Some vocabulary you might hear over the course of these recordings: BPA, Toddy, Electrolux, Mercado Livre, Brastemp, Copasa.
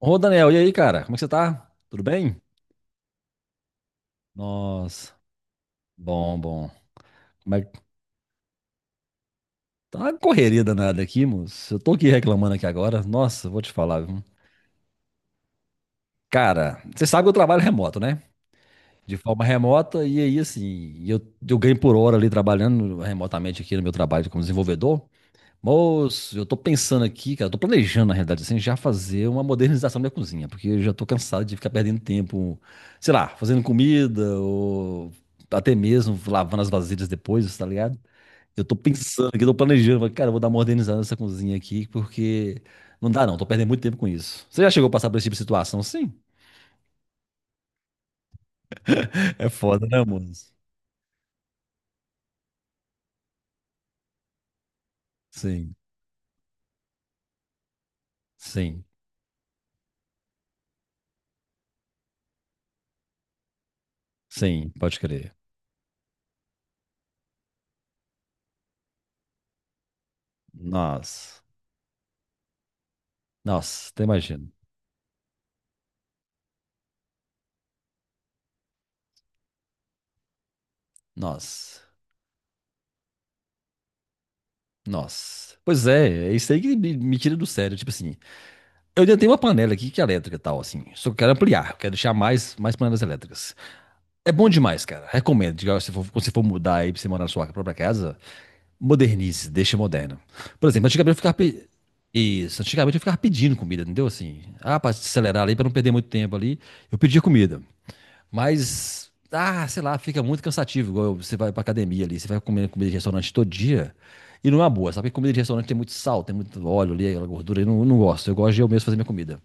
Ô, Daniel, e aí, cara? Como é que você tá? Tudo bem? Nossa, bom, bom. Como é que- Tá uma correria danada aqui, moço. Eu tô aqui reclamando aqui agora. Nossa, vou te falar, viu? Cara, você sabe que eu trabalho remoto, né? De forma remota, e aí, assim, eu ganho por hora ali trabalhando remotamente aqui no meu trabalho como desenvolvedor. Moço, eu tô pensando aqui, cara, eu tô planejando, na realidade, assim, já fazer uma modernização da minha cozinha, porque eu já tô cansado de ficar perdendo tempo, sei lá, fazendo comida, ou até mesmo lavando as vasilhas depois, tá ligado? Eu tô pensando aqui, tô planejando, falei, cara, eu vou dar uma organizada nessa cozinha aqui, porque não dá não, tô perdendo muito tempo com isso. Você já chegou a passar por esse tipo de situação? Sim. É foda, né, moço? Sim, sim, sim, pode crer. Nossa, nossa, até imagino. Nossa. Nossa. Pois é, é isso aí que me tira do sério. Tipo assim, eu já tenho uma panela aqui que é elétrica e tal, assim. Só que eu quero ampliar, eu quero deixar mais panelas elétricas. É bom demais, cara. Recomendo. Diga, se for, quando você for mudar aí pra você morar na sua própria casa, modernize, deixa moderno. Por exemplo, antigamente eu ficava. Isso, antigamente eu ficava pedindo comida, entendeu? Assim, ah, pra acelerar ali, pra não perder muito tempo ali, eu pedia comida. Mas, ah, sei lá, fica muito cansativo. Igual você vai pra academia ali, você vai comer comida de restaurante todo dia. E não é uma boa, sabe? Que comida de restaurante tem muito sal, tem muito óleo ali, aquela gordura. Eu não, não gosto. Eu gosto de eu mesmo fazer minha comida.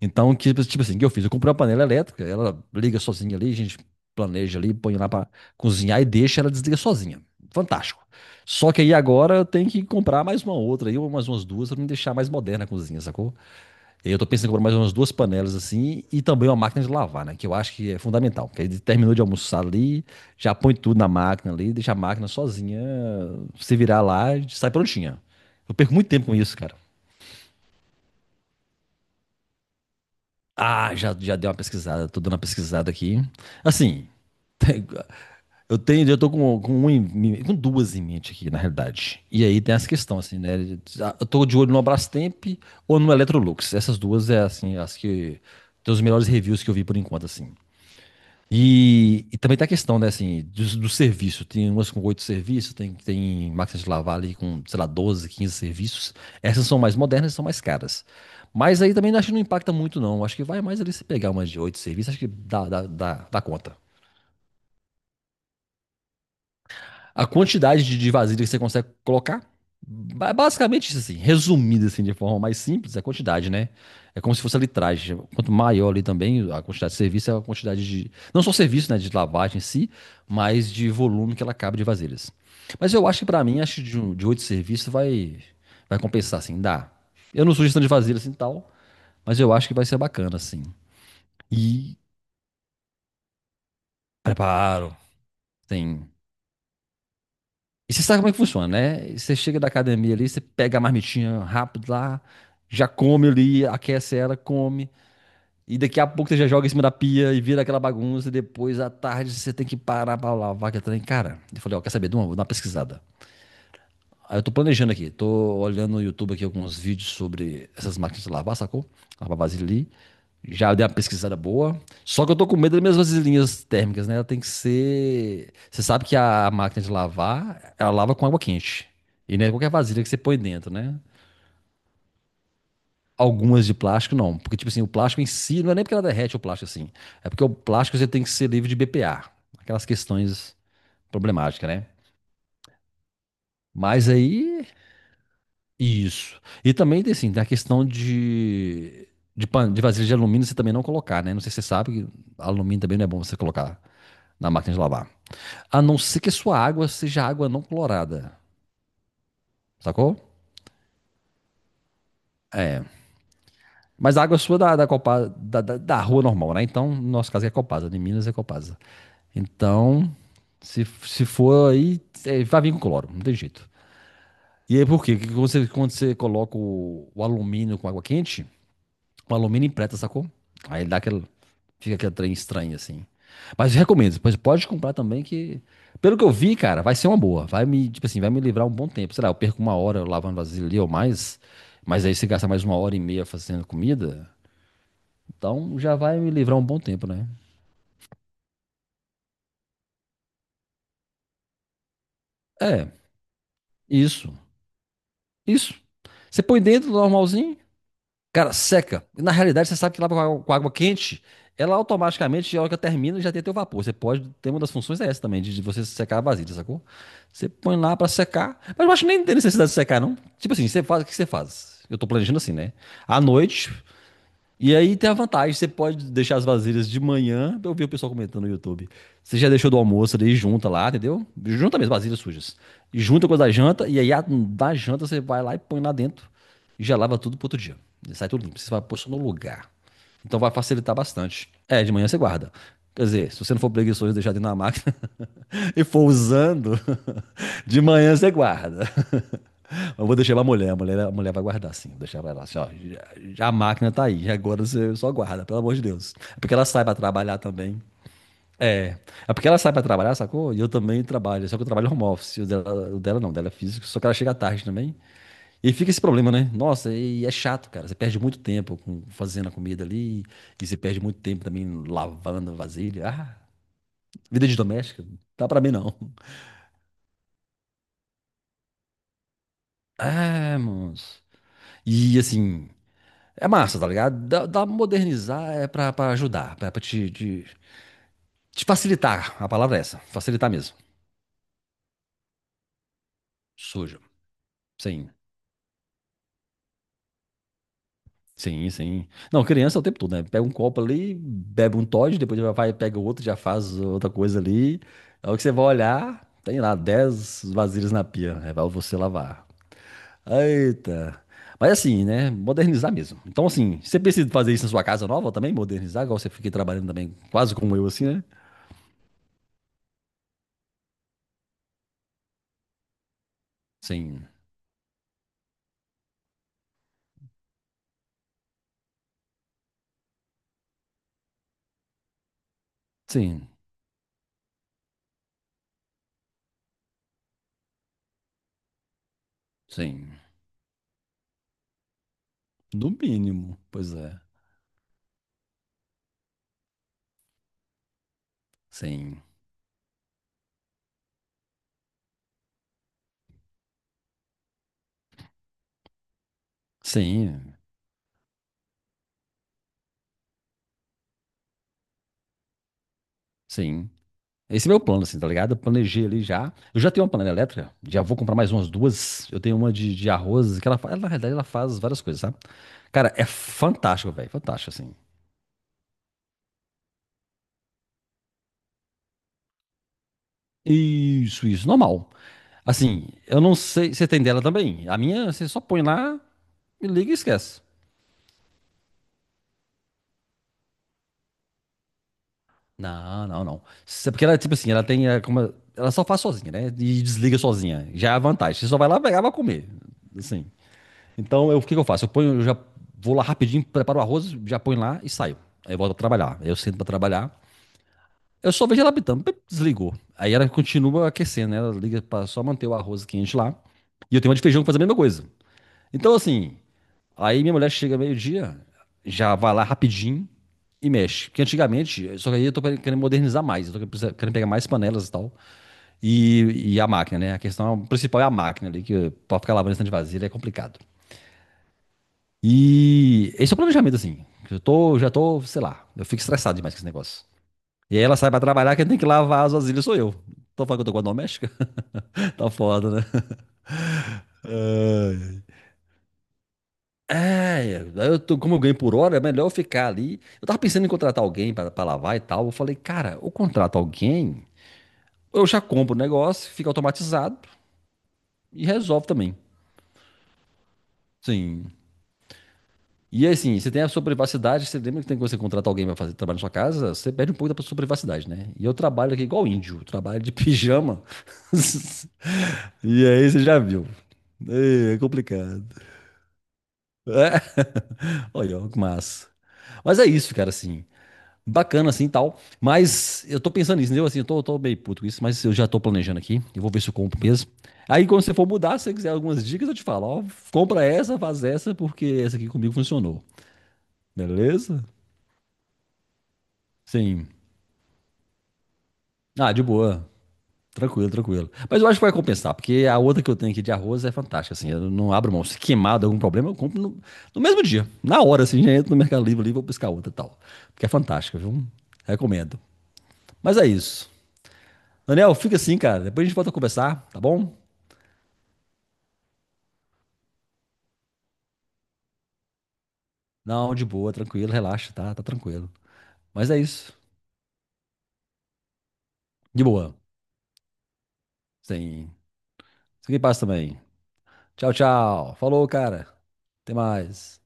Então, que, tipo assim, o que eu fiz? Eu comprei uma panela elétrica, ela liga sozinha ali, a gente planeja ali, põe lá pra cozinhar e deixa ela desliga sozinha. Fantástico. Só que aí agora eu tenho que comprar mais uma outra aí, umas duas, pra me deixar mais moderna a cozinha, sacou? Eu tô pensando em comprar mais umas duas panelas assim e também uma máquina de lavar, né? Que eu acho que é fundamental. Porque aí terminou de almoçar ali, já põe tudo na máquina ali, deixa a máquina sozinha se virar lá e sai prontinha. Eu perco muito tempo com isso, cara. Ah, já, já dei uma pesquisada, tô dando uma pesquisada aqui. Assim, tem- eu tenho, eu tô com com duas em mente aqui, na realidade. E aí tem essa questão, assim, né? Eu tô de olho no Brastemp ou no Electrolux. Essas duas é, assim, as que... Tem os melhores reviews que eu vi por enquanto, assim. E também tem a questão, né, assim, do serviço. Tem umas com oito serviços, tem máquinas de lavar ali com, sei lá, 12, 15 serviços. Essas são mais modernas e são mais caras. Mas aí também acho que não impacta muito, não. Acho que vai mais ali se pegar umas de oito serviços, acho que dá conta. A quantidade de vasilha que você consegue colocar. Basicamente isso assim, resumido assim, de forma mais simples, é a quantidade, né? É como se fosse a litragem. Quanto maior ali também, a quantidade de serviço é a quantidade de. Não só serviço, né? De lavagem em si, mas de volume que ela cabe de vasilhas. Mas eu acho que pra mim, acho que de oito serviços vai compensar, assim, dá. Eu não sou gestão de vasilhas assim tal, mas eu acho que vai ser bacana, assim. E preparo. Tem E você sabe como é que funciona, né? Você chega da academia ali, você pega a marmitinha rápido lá, já come ali, aquece ela, come. E daqui a pouco você já joga em cima da pia e vira aquela bagunça. E depois, à tarde, você tem que parar pra lavar aquele trem. Cara, eu falei, ó, quer saber de uma? Vou dar uma pesquisada. Aí eu tô planejando aqui, tô olhando no YouTube aqui alguns vídeos sobre essas máquinas de lavar, sacou? Lavar vasilha ali. Já dei uma pesquisada boa. Só que eu tô com medo das minhas vasilhinhas térmicas, né? Ela tem que ser. Você sabe que a máquina de lavar, ela lava com água quente. E não é qualquer vasilha que você põe dentro, né? Algumas de plástico, não. Porque, tipo assim, o plástico em si, não é nem porque ela derrete o plástico assim. É porque o plástico você tem que ser livre de BPA. Aquelas questões problemáticas, né? Mas aí. Isso. E também tem, assim, tem a questão de. De, pan... de vasilha de alumínio você também não colocar, né? Não sei se você sabe que alumínio também não é bom você colocar na máquina de lavar. A não ser que a sua água seja água não clorada, sacou? Mas a água sua da, da rua normal, né? Então, no nosso caso é Copasa, de Minas é Copasa. Então, se for aí, é, vai vir com cloro, não tem jeito. E aí por quê? Porque quando você coloca o alumínio com água quente, o alumínio empreta, sacou? Aí ele dá aquele, fica aquele trem estranho assim. Mas recomendo, pois pode comprar também que, pelo que eu vi, cara, vai ser uma boa. Vai me, tipo assim, vai me livrar um bom tempo. Sei lá, eu perco uma hora lavando vasilha ali ou mais, mas aí você gasta mais uma hora e meia fazendo comida, então já vai me livrar um bom tempo, né? É, isso. Isso. Você põe dentro normalzinho. Cara, seca. Na realidade, você sabe que lá com a água quente, ela automaticamente, a hora que ela termina, já tem teu vapor. Você pode ter uma das funções é essa também, de você secar a vasilha, sacou? Você põe lá pra secar. Mas eu acho que nem tem necessidade de secar, não. Tipo assim, você faz, o que você faz? Eu tô planejando assim, né? À noite, e aí tem a vantagem, você pode deixar as vasilhas de manhã, eu vi o pessoal comentando no YouTube. Você já deixou do almoço ali, junta lá, entendeu? Junta mesmo, vasilhas sujas. E junta com as da janta, e aí a da janta você vai lá e põe lá dentro, e já lava tudo pro outro dia. E sai tudo limpo, você vai pôr só no lugar. Então vai facilitar bastante. É, de manhã você guarda. Quer dizer, se você não for preguiçoso e deixar dentro da máquina e for usando, de manhã você guarda. Eu vou deixar pra mulher, a mulher vai guardar, sim. Vou deixar pra ela assim, ó. Já a máquina tá aí, já agora você só guarda, pelo amor de Deus. É porque ela sai pra trabalhar também. É. É porque ela sai pra trabalhar, sacou? E eu também trabalho, só que eu trabalho home office. O dela não, o dela é físico, só que ela chega tarde também. E fica esse problema, né? Nossa, e é chato, cara. Você perde muito tempo fazendo a comida ali, e você perde muito tempo também lavando a vasilha. Ah, vida de doméstica, dá pra mim não. É, moço. E assim, é massa, tá ligado? Dá, dá modernizar é pra ajudar, pra te facilitar. A palavra é essa, facilitar mesmo. Sujo. Sim, sim, sim. Não, criança é o tempo todo, né? Pega um copo ali, bebe um Toddy, depois já vai, pega outro, já faz outra coisa ali. É o que você vai olhar, tem lá 10 vasilhas na pia, é pra você lavar. Eita. Mas assim, né? Modernizar mesmo. Então, assim, você precisa fazer isso na sua casa nova também, modernizar, igual você fica trabalhando também, quase como eu, assim, né? Sim, sim, sim. No mínimo, pois é. Sim, sim, sim. Esse é meu plano, assim, tá ligado? Eu planejei ali já. Eu já tenho uma panela elétrica, já vou comprar mais umas duas. Eu tenho uma de arroz, que ela, ela, na realidade, ela faz várias coisas, sabe? Cara, é fantástico, velho, fantástico, assim. Isso, normal. Assim, eu não sei, você tem dela também? A minha, você só põe lá, e liga e esquece. Não, não, não. Porque ela, é tipo assim, ela tem, é, como, ela só faz sozinha, né? E desliga sozinha. Já é a vantagem. Você só vai lá pegar, vai comer, assim. Então, eu, o que que eu faço? Eu ponho, eu já vou lá rapidinho, preparo o arroz, já ponho lá e saio. Aí eu volto pra trabalhar. Aí eu sento pra trabalhar. Eu só vejo ela apitando, pip, desligou. Aí ela continua aquecendo, né? Ela liga pra só manter o arroz quente lá. E eu tenho uma de feijão que faz a mesma coisa. Então, assim, aí minha mulher chega meio-dia, já vai lá rapidinho e mexe. Porque antigamente, só que aí eu tô querendo modernizar mais, eu tô querendo pegar mais panelas e tal. E a máquina, né? A questão principal é a máquina ali, que pra ficar lavando esse tanto de vasilha é complicado. E esse é o planejamento, assim. Eu tô, já tô, sei lá, eu fico estressado demais com esse negócio. E aí ela sai pra trabalhar, quem tem que lavar as vasilhas sou eu. Tô falando que eu tô com a doméstica? Tá foda, né? Ai. É, eu tô, como eu ganho por hora, é melhor eu ficar ali. Eu tava pensando em contratar alguém pra, pra lavar e tal. Eu falei, cara, eu contrato alguém, eu já compro o negócio, fica automatizado e resolve também. Sim, e assim, você tem a sua privacidade, você lembra que tem que você contratar alguém para fazer trabalho na sua casa, você perde um pouco da sua privacidade, né? E eu trabalho aqui igual índio, trabalho de pijama. E aí você já viu. É é complicado. É, olha, ó, que massa. Mas é isso, cara, assim. Bacana, assim, tal. Mas eu tô pensando nisso, entendeu? Assim, eu tô meio puto com isso, mas eu já tô planejando aqui. Eu vou ver se eu compro mesmo. Aí, quando você for mudar, se você quiser algumas dicas, eu te falo, ó, compra essa, faz essa, porque essa aqui comigo funcionou. Beleza? Sim. Ah, de boa. Tranquilo, tranquilo. Mas eu acho que vai compensar, porque a outra que eu tenho aqui de arroz é fantástica, assim. Eu não abro mão. Se queimado algum problema, eu compro no mesmo dia. Na hora, assim, já entro no Mercado Livre ali, vou buscar outra e tal. Porque é fantástica, viu? Recomendo. Mas é isso. Daniel, fica assim, cara. Depois a gente volta a conversar, tá bom? Não, de boa, tranquilo, relaxa, tá? Tá tranquilo. Mas é isso. De boa. Sim. Sem, sem paz também. Tchau, tchau. Falou, cara. Até mais.